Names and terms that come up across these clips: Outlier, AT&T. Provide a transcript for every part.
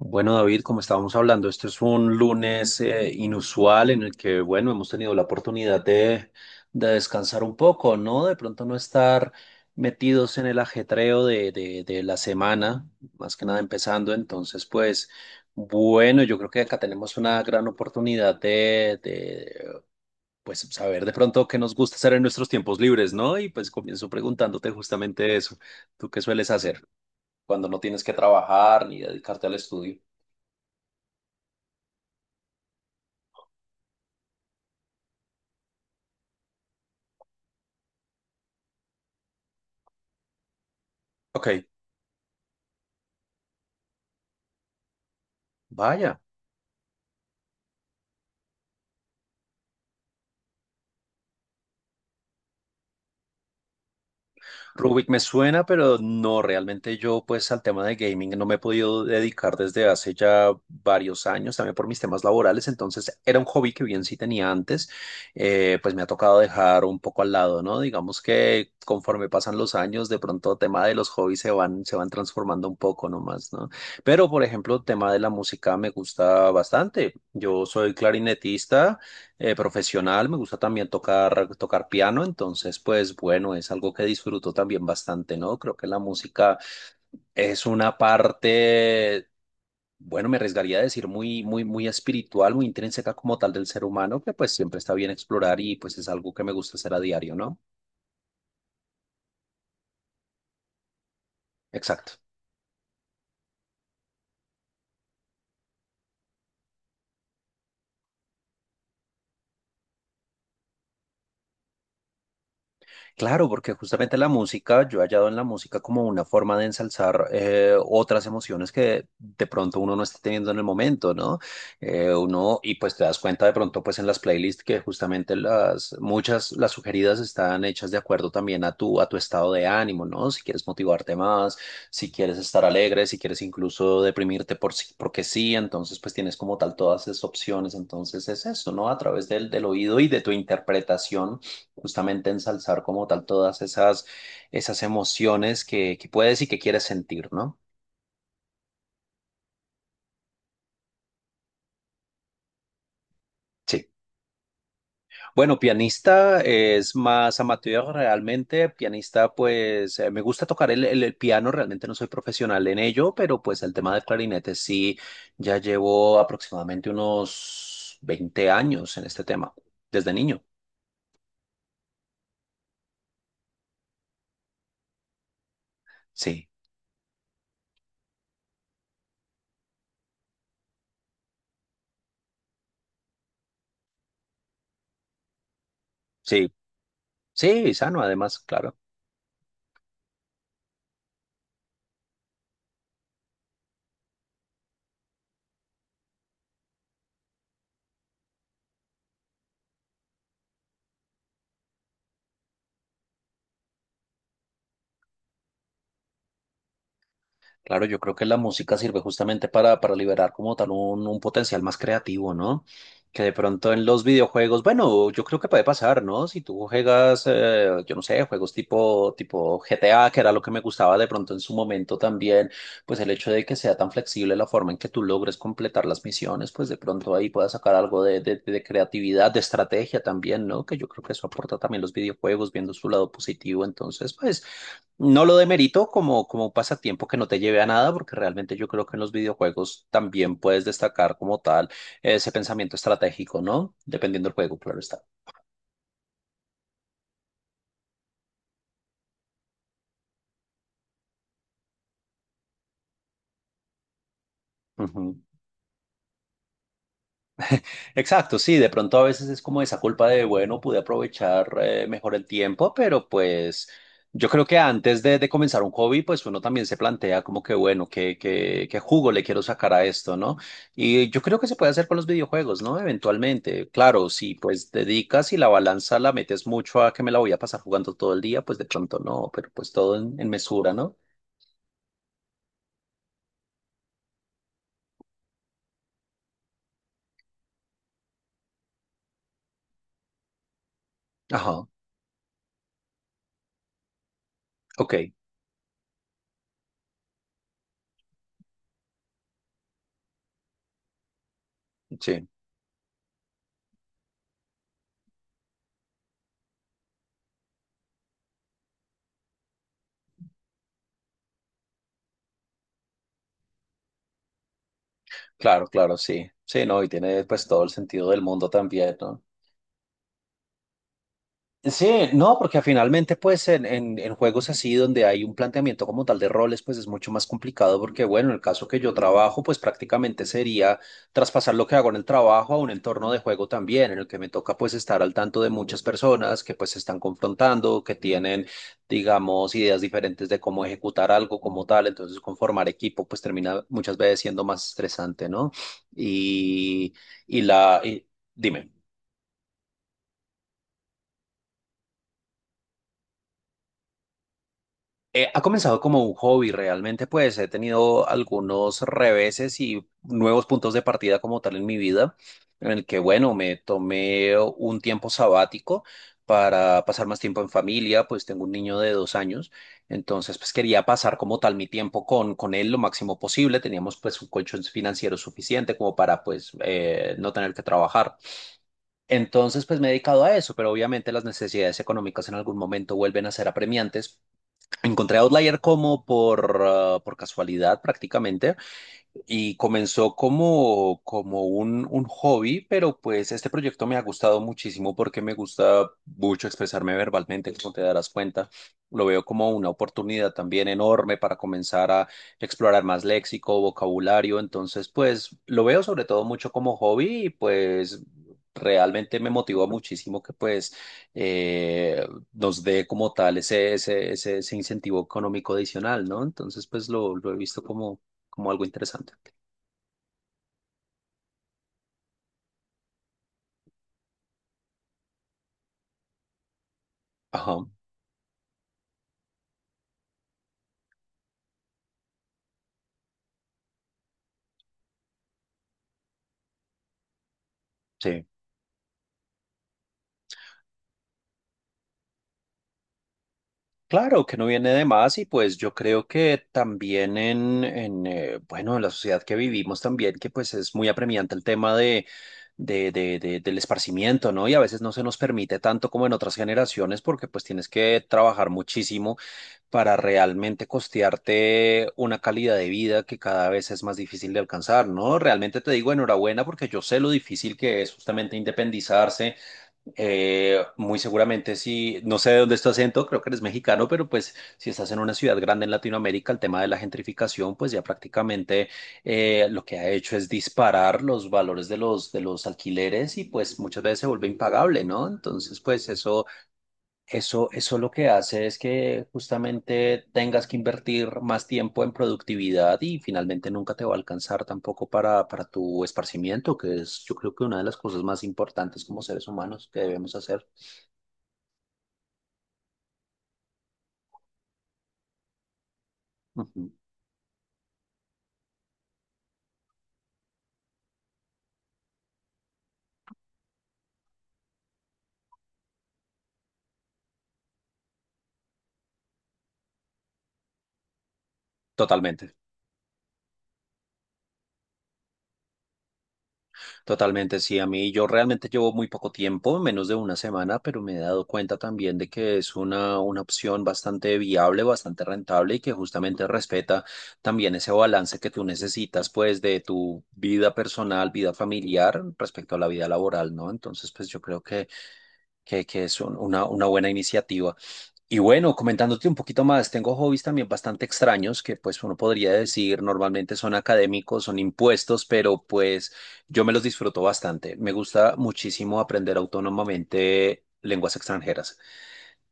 Bueno, David, como estábamos hablando, este es un lunes inusual en el que, bueno, hemos tenido la oportunidad de descansar un poco, ¿no? De pronto no estar metidos en el ajetreo de la semana, más que nada empezando. Entonces, pues, bueno, yo creo que acá tenemos una gran oportunidad de, pues, saber de pronto qué nos gusta hacer en nuestros tiempos libres, ¿no? Y pues comienzo preguntándote justamente eso. ¿Tú qué sueles hacer cuando no tienes que trabajar ni dedicarte al estudio? Ok. Vaya, Rubik me suena, pero no, realmente yo pues al tema de gaming no me he podido dedicar desde hace ya varios años, también por mis temas laborales, entonces era un hobby que bien sí tenía antes, pues me ha tocado dejar un poco al lado, ¿no? Digamos que conforme pasan los años, de pronto tema de los hobbies se van transformando un poco nomás, ¿no? Pero por ejemplo, tema de la música me gusta bastante, yo soy clarinetista, profesional, me gusta también tocar piano, entonces pues bueno, es algo que disfruto también bastante, ¿no? Creo que la música es una parte, bueno, me arriesgaría a decir muy, muy, muy espiritual, muy intrínseca como tal del ser humano, que pues siempre está bien explorar y pues es algo que me gusta hacer a diario, ¿no? Exacto. Claro, porque justamente la música, yo he hallado en la música como una forma de ensalzar otras emociones que de pronto uno no está teniendo en el momento, ¿no? Uno, y pues te das cuenta de pronto pues en las playlists que justamente las, muchas, las sugeridas están hechas de acuerdo también a tu estado de ánimo, ¿no? Si quieres motivarte más, si quieres estar alegre, si quieres incluso deprimirte porque sí, entonces pues tienes como tal todas esas opciones, entonces es eso, ¿no? A través del oído y de tu interpretación justamente ensalzar como tal todas esas, esas emociones que puedes y que quieres sentir, ¿no? Sí. Bueno, pianista es más amateur realmente. Pianista, pues me gusta tocar el piano, realmente no soy profesional en ello, pero pues el tema del clarinete sí, ya llevo aproximadamente unos 20 años en este tema, desde niño. Sí, sí, sí, sano además, claro. Claro, yo creo que la música sirve justamente para liberar como tal un potencial más creativo, ¿no? Que de pronto en los videojuegos, bueno, yo creo que puede pasar, ¿no? Si tú juegas, yo no sé, juegos tipo GTA, que era lo que me gustaba de pronto en su momento también, pues el hecho de que sea tan flexible la forma en que tú logres completar las misiones, pues de pronto ahí puedas sacar algo de creatividad, de estrategia también, ¿no? Que yo creo que eso aporta también los videojuegos, viendo su lado positivo. Entonces, pues... No lo demerito como un pasatiempo que no te lleve a nada, porque realmente yo creo que en los videojuegos también puedes destacar como tal ese pensamiento estratégico, ¿no? Dependiendo del juego, claro está. Ujú. Exacto, sí, de pronto a veces es como esa culpa de, bueno, pude aprovechar mejor el tiempo, pero pues yo creo que antes de comenzar un hobby, pues uno también se plantea como que, bueno, ¿qué jugo le quiero sacar a esto, ¿no? Y yo creo que se puede hacer con los videojuegos, ¿no? Eventualmente, claro, si pues dedicas y la balanza la metes mucho a que me la voy a pasar jugando todo el día, pues de pronto no, pero pues todo en mesura, ¿no? Ajá, ok, sí, claro, claro, sí. Sí, no, y tiene pues todo el sentido del mundo también, ¿no? Sí, no, porque finalmente pues en juegos así donde hay un planteamiento como tal de roles pues es mucho más complicado porque bueno, el caso que yo trabajo pues prácticamente sería traspasar lo que hago en el trabajo a un entorno de juego también en el que me toca pues estar al tanto de muchas personas que pues se están confrontando, que tienen digamos ideas diferentes de cómo ejecutar algo como tal, entonces conformar equipo pues termina muchas veces siendo más estresante, ¿no? Y, y la... y- dime. Ha comenzado como un hobby realmente, pues he tenido algunos reveses y nuevos puntos de partida como tal en mi vida, en el que, bueno, me tomé un tiempo sabático para pasar más tiempo en familia, pues tengo un niño de 2 años, entonces pues quería pasar como tal mi tiempo con él lo máximo posible, teníamos pues un colchón financiero suficiente como para pues no tener que trabajar. Entonces, pues me he dedicado a eso, pero obviamente las necesidades económicas en algún momento vuelven a ser apremiantes. Encontré Outlier como por casualidad prácticamente. Y comenzó como un hobby, pero pues este proyecto me ha gustado muchísimo porque me gusta mucho expresarme verbalmente, como te darás cuenta. Lo veo como una oportunidad también enorme para comenzar a explorar más léxico, vocabulario. Entonces, pues lo veo sobre todo mucho como hobby y pues realmente me motivó muchísimo que pues eh, nos dé como tal ese incentivo económico adicional, ¿no? Entonces, pues lo he visto como algo interesante. Ajá, sí. Claro que no viene de más y pues yo creo que también en bueno, en la sociedad que vivimos también, que pues es muy apremiante el tema del esparcimiento, ¿no? Y a veces no se nos permite tanto como en otras generaciones porque pues tienes que trabajar muchísimo para realmente costearte una calidad de vida que cada vez es más difícil de alcanzar, ¿no? Realmente te digo enhorabuena porque yo sé lo difícil que es justamente independizarse. Muy seguramente si, no sé de dónde es tu acento, creo que eres mexicano, pero pues si estás en una ciudad grande en Latinoamérica, el tema de la gentrificación, pues ya prácticamente lo que ha hecho es disparar los valores de los alquileres y pues muchas veces se vuelve impagable, ¿no? Entonces, pues eso lo que hace es que justamente tengas que invertir más tiempo en productividad y finalmente nunca te va a alcanzar tampoco para tu esparcimiento, que es yo creo que una de las cosas más importantes como seres humanos que debemos hacer. Ujú. Totalmente. Totalmente, sí, a mí yo realmente llevo muy poco tiempo, menos de una semana, pero me he dado cuenta también de que es una opción bastante viable, bastante rentable y que justamente respeta también ese balance que tú necesitas, pues, de tu vida personal, vida familiar respecto a la vida laboral, ¿no? Entonces, pues yo creo que es una buena iniciativa. Y bueno, comentándote un poquito más, tengo hobbies también bastante extraños que pues uno podría decir normalmente son académicos, son impuestos, pero pues yo me los disfruto bastante. Me gusta muchísimo aprender autónomamente lenguas extranjeras.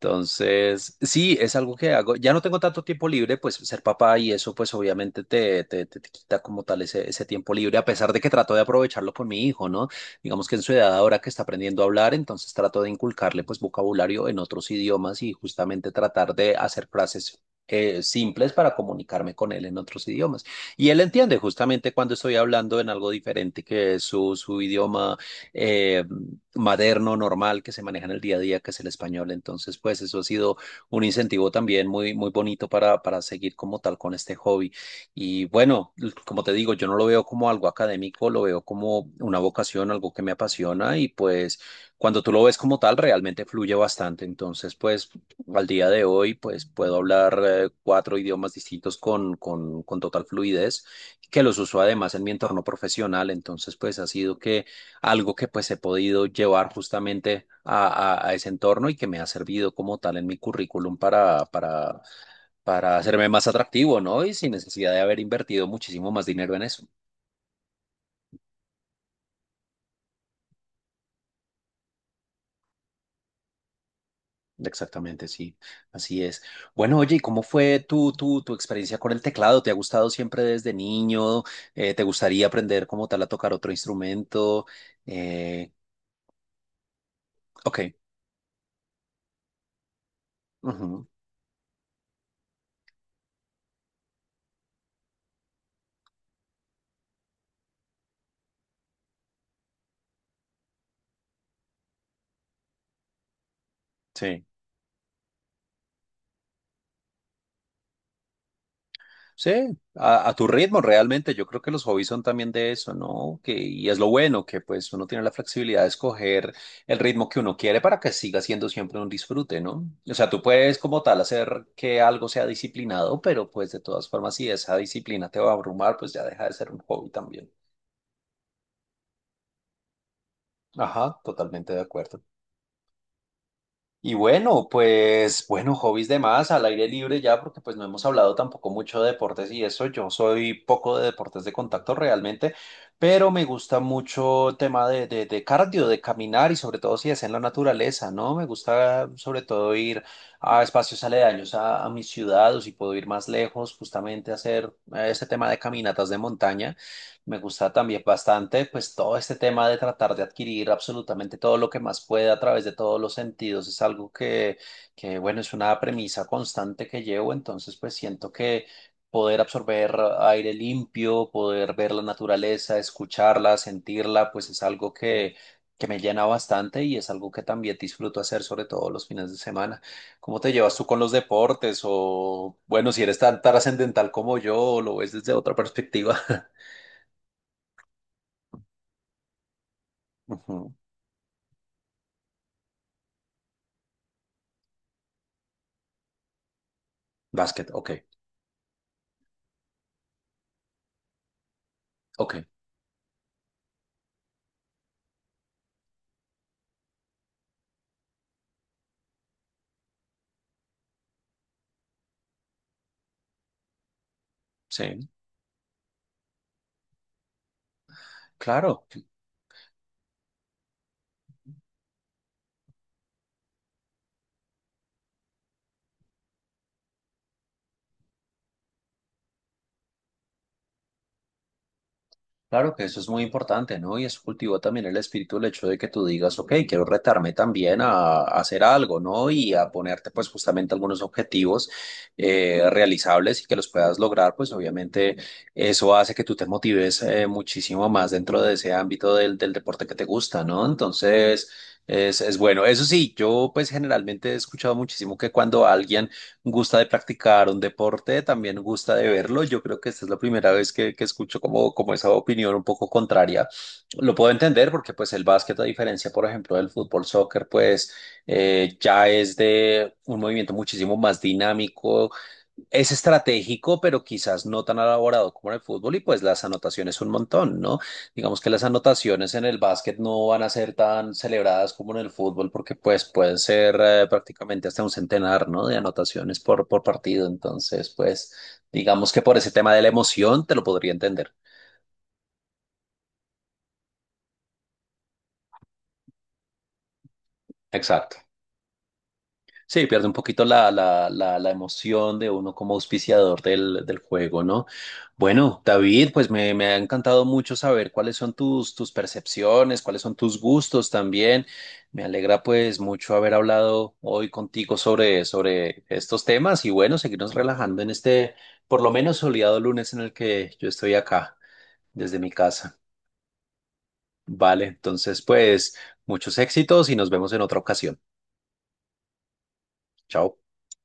Entonces, sí, es algo que hago. Ya no tengo tanto tiempo libre, pues ser papá y eso, pues obviamente te, te, te quita como tal ese, ese tiempo libre, a pesar de que trato de aprovecharlo con mi hijo, ¿no? Digamos que en su edad ahora que está aprendiendo a hablar, entonces trato de inculcarle pues vocabulario en otros idiomas y justamente tratar de hacer frases, simples para comunicarme con él en otros idiomas. Y él entiende justamente cuando estoy hablando en algo diferente que es su, su idioma eh, materno, normal, que se maneja en el día a día, que es el español. Entonces, pues eso ha sido un incentivo también muy, muy bonito para seguir como tal con este hobby. Y bueno, como te digo, yo no lo veo como algo académico, lo veo como una vocación, algo que me apasiona y pues cuando tú lo ves como tal, realmente fluye bastante. Entonces, pues al día de hoy, pues puedo hablar cuatro idiomas distintos con total fluidez, que los uso además en mi entorno profesional. Entonces, pues ha sido que algo que pues he podido llevar justamente a, ese entorno y que me ha servido como tal en mi currículum para hacerme más atractivo, ¿no? Y sin necesidad de haber invertido muchísimo más dinero en eso. Exactamente, sí, así es. Bueno, oye, ¿y cómo fue tu, tu experiencia con el teclado? ¿Te ha gustado siempre desde niño? ¿Te gustaría aprender como tal a tocar otro instrumento? Eh, ok, ujú, sí. Sí, a tu ritmo realmente. Yo creo que los hobbies son también de eso, ¿no? Que, y es lo bueno, que pues uno tiene la flexibilidad de escoger el ritmo que uno quiere para que siga siendo siempre un disfrute, ¿no? O sea, tú puedes como tal hacer que algo sea disciplinado, pero pues de todas formas, si esa disciplina te va a abrumar, pues ya deja de ser un hobby también. Ajá, totalmente de acuerdo. Y bueno, pues bueno, hobbies de más al aire libre ya, porque pues no hemos hablado tampoco mucho de deportes y eso. Yo soy poco de deportes de contacto realmente, pero me gusta mucho el tema de cardio, de caminar y sobre todo si es en la naturaleza, ¿no? Me gusta sobre todo ir a espacios aledaños a mi ciudad o si puedo ir más lejos, justamente a hacer este tema de caminatas de montaña. Me gusta también bastante, pues todo este tema de tratar de adquirir absolutamente todo lo que más pueda a través de todos los sentidos es algo que bueno, es una premisa constante que llevo, entonces pues siento que poder absorber aire limpio, poder ver la naturaleza, escucharla, sentirla, pues es algo que me llena bastante y es algo que también disfruto hacer, sobre todo los fines de semana. ¿Cómo te llevas tú con los deportes? O bueno, si eres tan trascendental como yo, lo ves desde otra perspectiva. Ujú. Básquet, ok, ok, sí, claro, claro que eso es muy importante, ¿no? Y eso cultivó también el espíritu, el hecho de que tú digas, ok, quiero retarme también a hacer algo, ¿no? Y a ponerte pues justamente algunos objetivos realizables y que los puedas lograr, pues obviamente eso hace que tú te motives muchísimo más dentro de ese ámbito del deporte que te gusta, ¿no? Entonces, es bueno. Eso sí, yo pues generalmente he escuchado muchísimo que cuando alguien gusta de practicar un deporte, también gusta de verlo. Yo creo que esta es la primera vez que escucho como esa opinión un poco contraria. Lo puedo entender porque pues el básquet, a diferencia, por ejemplo, del fútbol, soccer, pues ya es de un movimiento muchísimo más dinámico, es estratégico, pero quizás no tan elaborado como en el fútbol y pues las anotaciones un montón, ¿no? Digamos que las anotaciones en el básquet no van a ser tan celebradas como en el fútbol porque pues pueden ser prácticamente hasta un centenar, ¿no? De anotaciones por partido. Entonces, pues digamos que por ese tema de la emoción te lo podría entender. Exacto. Sí, pierde un poquito la, la, la emoción de uno como auspiciador del juego, ¿no? Bueno, David, pues me ha encantado mucho saber cuáles son tus, tus percepciones, cuáles son tus gustos también. Me alegra pues mucho haber hablado hoy contigo sobre estos temas y bueno, seguirnos relajando en este por lo menos soleado lunes en el que yo estoy acá desde mi casa. Vale, entonces pues muchos éxitos y nos vemos en otra ocasión. Chao.